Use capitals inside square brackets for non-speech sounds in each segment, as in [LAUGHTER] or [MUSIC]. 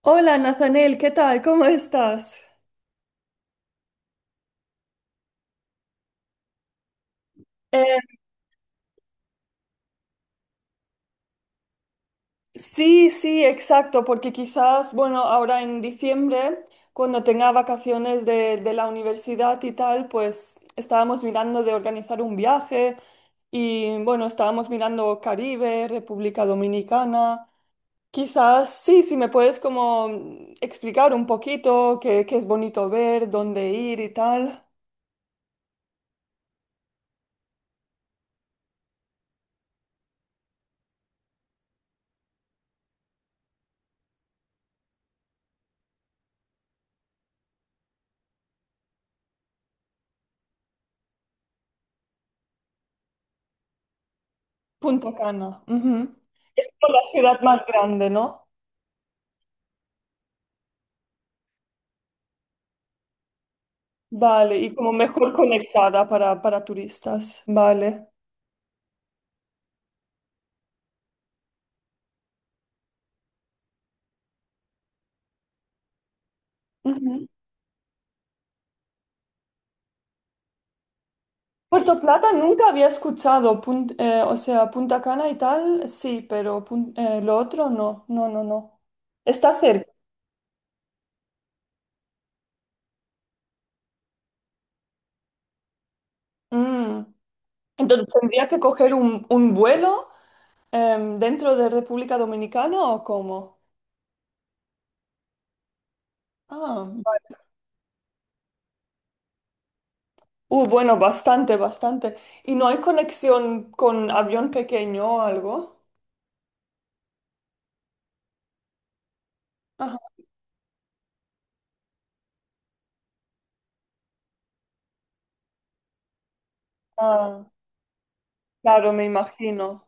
Hola, Nathaniel, ¿qué tal? ¿Cómo estás? Eh, sí, sí, exacto, porque quizás, bueno, ahora en diciembre, cuando tenga vacaciones de la universidad y tal, pues estábamos mirando de organizar un viaje y, bueno, estábamos mirando Caribe, República Dominicana. Quizás, sí, si me puedes como explicar un poquito qué, qué es bonito ver, dónde ir y tal. Punta Cana, ujú. Es como la ciudad más grande, ¿no? Vale, y como mejor conectada para turistas. Vale. Ujú. Puerto Plata nunca había escuchado, o sea, Punta Cana y tal, sí, pero lo otro no, no, no, no. Está cerca. Mm. Entonces, ¿tendría que coger un vuelo dentro de República Dominicana o cómo? Ah, vale. Bueno, bastante, bastante. ¿Y no hay conexión con avión pequeño o algo? Ajá. Ah, claro, me imagino.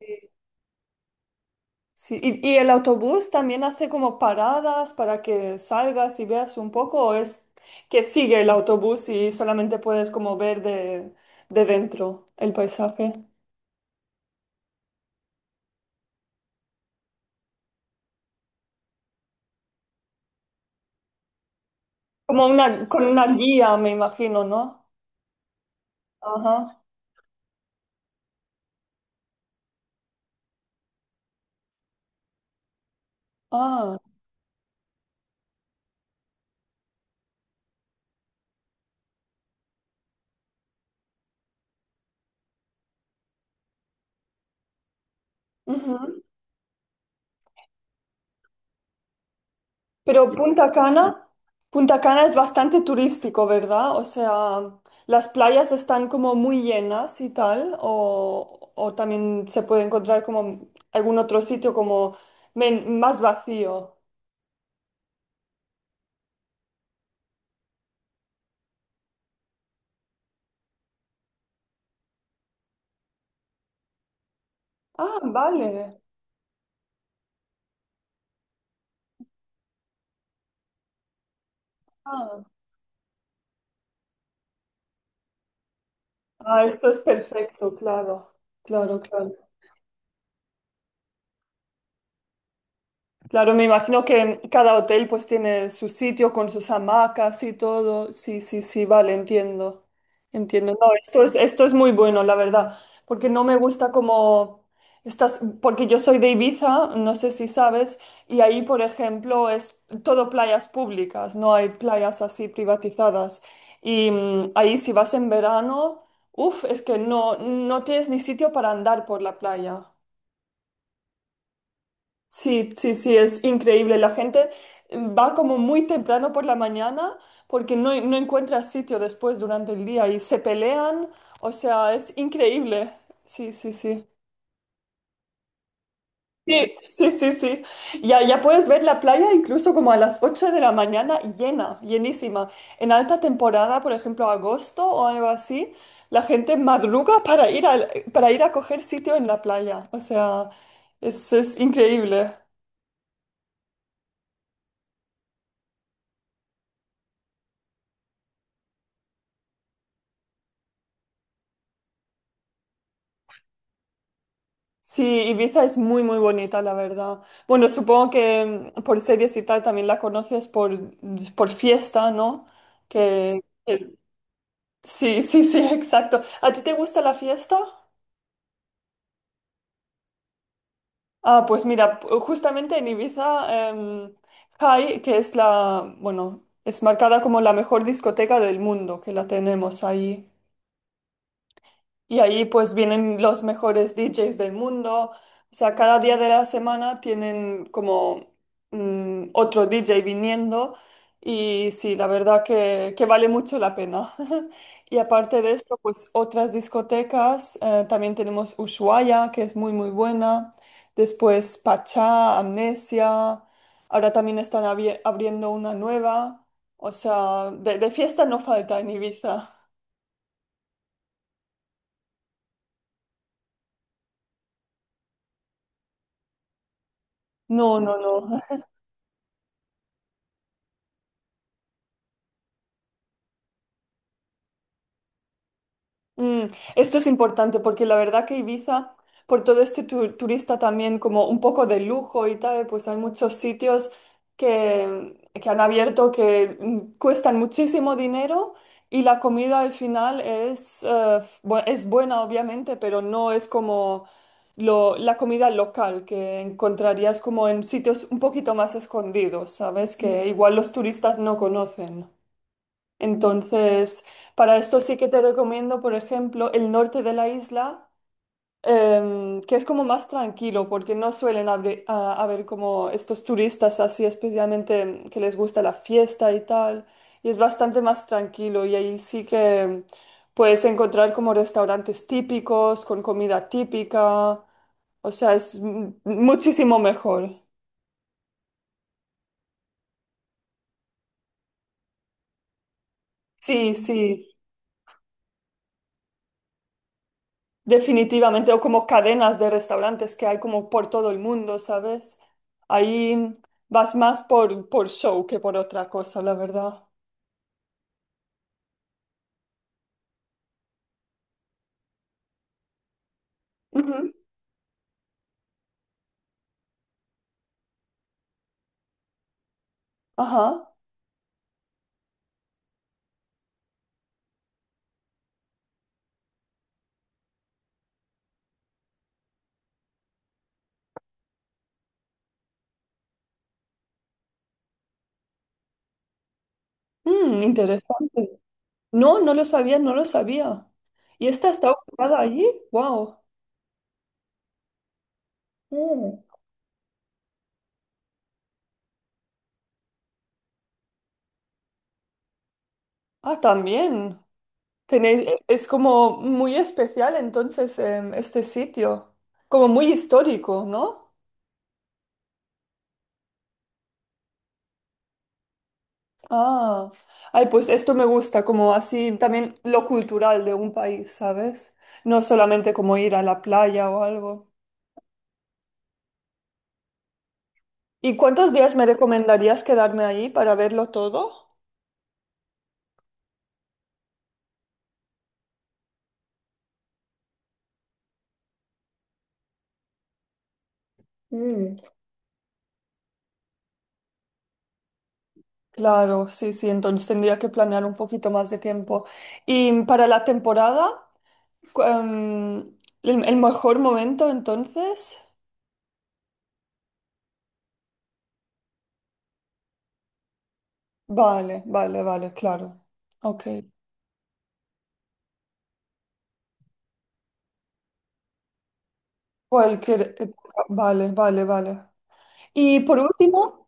Sí. Sí, y el autobús también hace como paradas para que salgas y veas un poco, o es que sigue el autobús y solamente puedes como ver de dentro el paisaje. Como una, con una guía, me imagino, ¿no? Ajá. Ah. Ujú. Pero Punta Cana, Punta Cana es bastante turístico, ¿verdad? O sea, las playas están como muy llenas y tal, o también se puede encontrar como algún otro sitio como más vacío. Ah, vale. Ah, ah, esto es perfecto, claro, claro, claro. Claro, me imagino que cada hotel pues tiene su sitio con sus hamacas y todo. Sí, sí, sí, vale, entiendo. Entiendo. No, esto es muy bueno, la verdad, porque no me gusta como estas, porque yo soy de Ibiza, no sé si sabes, y ahí, por ejemplo, es todo playas públicas, no hay playas así privatizadas. Y ahí si vas en verano, uff, es que no, no tienes ni sitio para andar por la playa. Sí, sí, sí, es increíble. La gente va como muy temprano por la mañana porque no, no encuentra sitio después durante el día y se pelean. O sea, es increíble. Sí, sí, sí. Sí, sí, sí, sí. Ya, ya puedes ver la playa incluso como a las 8 de la mañana llena, llenísima. En alta temporada, por ejemplo, agosto o algo así, la gente madruga para para ir a coger sitio en la playa. O sea, es increíble. Sí, Ibiza es muy, muy bonita, la verdad. Bueno, supongo que por series y tal también la conoces por fiesta, ¿no? Que, que- sí, sí, sí, [LAUGHS] exacto. ¿A ti te gusta la fiesta? Ah, pues mira, justamente en Ibiza, High, que es la, bueno, es marcada como la mejor discoteca del mundo, que la tenemos ahí. Y ahí pues vienen los mejores DJs del mundo. O sea, cada día de la semana tienen como otro DJ viniendo. Y sí, la verdad que vale mucho la pena. [LAUGHS] Y aparte de esto, pues otras discotecas. Eh, también tenemos Ushuaia, que es muy, muy buena. Después Pachá, Amnesia. Ahora también están abriendo una nueva. O sea, de fiesta no falta en Ibiza. No, no, no. Mm, esto es importante porque la verdad que Ibiza, por todo este turista también como un poco de lujo y tal, pues hay muchos sitios que han abierto que cuestan muchísimo dinero y la comida al final es, es buena obviamente, pero no es como la comida local que encontrarías como en sitios un poquito más escondidos, ¿sabes? Que igual los turistas no conocen. Entonces, para esto sí que te recomiendo, por ejemplo, el norte de la isla, que es como más tranquilo, porque no suelen haber, haber como estos turistas así, especialmente que les gusta la fiesta y tal, y es bastante más tranquilo y ahí sí que puedes encontrar como restaurantes típicos, con comida típica, o sea, es muchísimo mejor. Sí, sí. Definitivamente, o como cadenas de restaurantes que hay como por todo el mundo, ¿sabes? Ahí vas más por show que por otra cosa, la verdad. Ujú. Ajá. Mm, interesante. No, no lo sabía, no lo sabía. ¿Y esta está ubicada allí? Wow. Ah, también. Tenéis, es como muy especial entonces este sitio, como muy histórico, ¿no? Ah, ay, pues esto me gusta, como así también lo cultural de un país, ¿sabes? No solamente como ir a la playa o algo. ¿Y cuántos días me recomendarías quedarme ahí para verlo todo? Mm. Claro, sí, sí, entonces tendría que planear un poquito más de tiempo. Y para la temporada, cu- em, el mejor momento entonces, vale, vale, vale, claro. Ok. Cualquier época, vale, vale, vale. Y por último,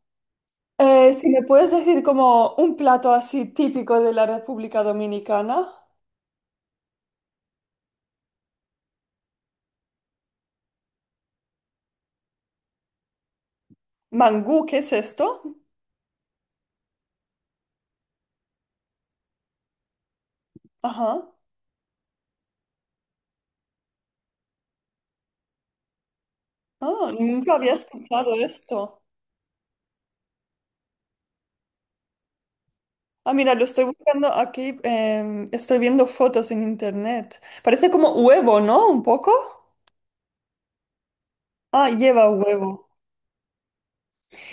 eh, si me puedes decir como un plato así típico de la República Dominicana. Mangú, ¿qué es esto? Ajá. Ah, nunca había escuchado esto. Ah, mira, lo estoy buscando aquí. Estoy viendo fotos en internet. Parece como huevo, ¿no? Un poco. Ah, lleva huevo.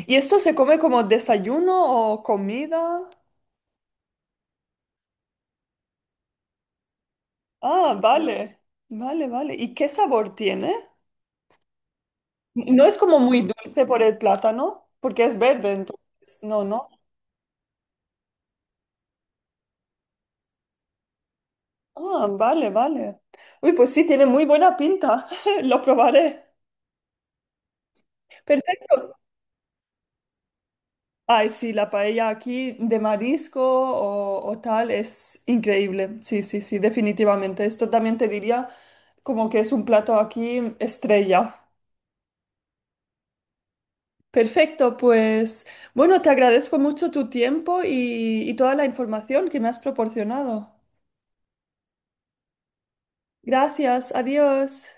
¿Y esto se come como desayuno o comida? Ah, vale. Vale, vale. ¿Y qué sabor tiene? No es como muy dulce por el plátano, porque es verde, entonces. No, no. Ah, vale, vale. Uy, pues sí, tiene muy buena pinta. [LAUGHS] Lo probaré. Perfecto. Ay, sí, la paella aquí de marisco o tal es increíble. Sí, sí, sí, definitivamente. Esto también te diría como que es un plato aquí estrella. Perfecto, pues bueno, te agradezco mucho tu tiempo y toda la información que me has proporcionado. Gracias, adiós.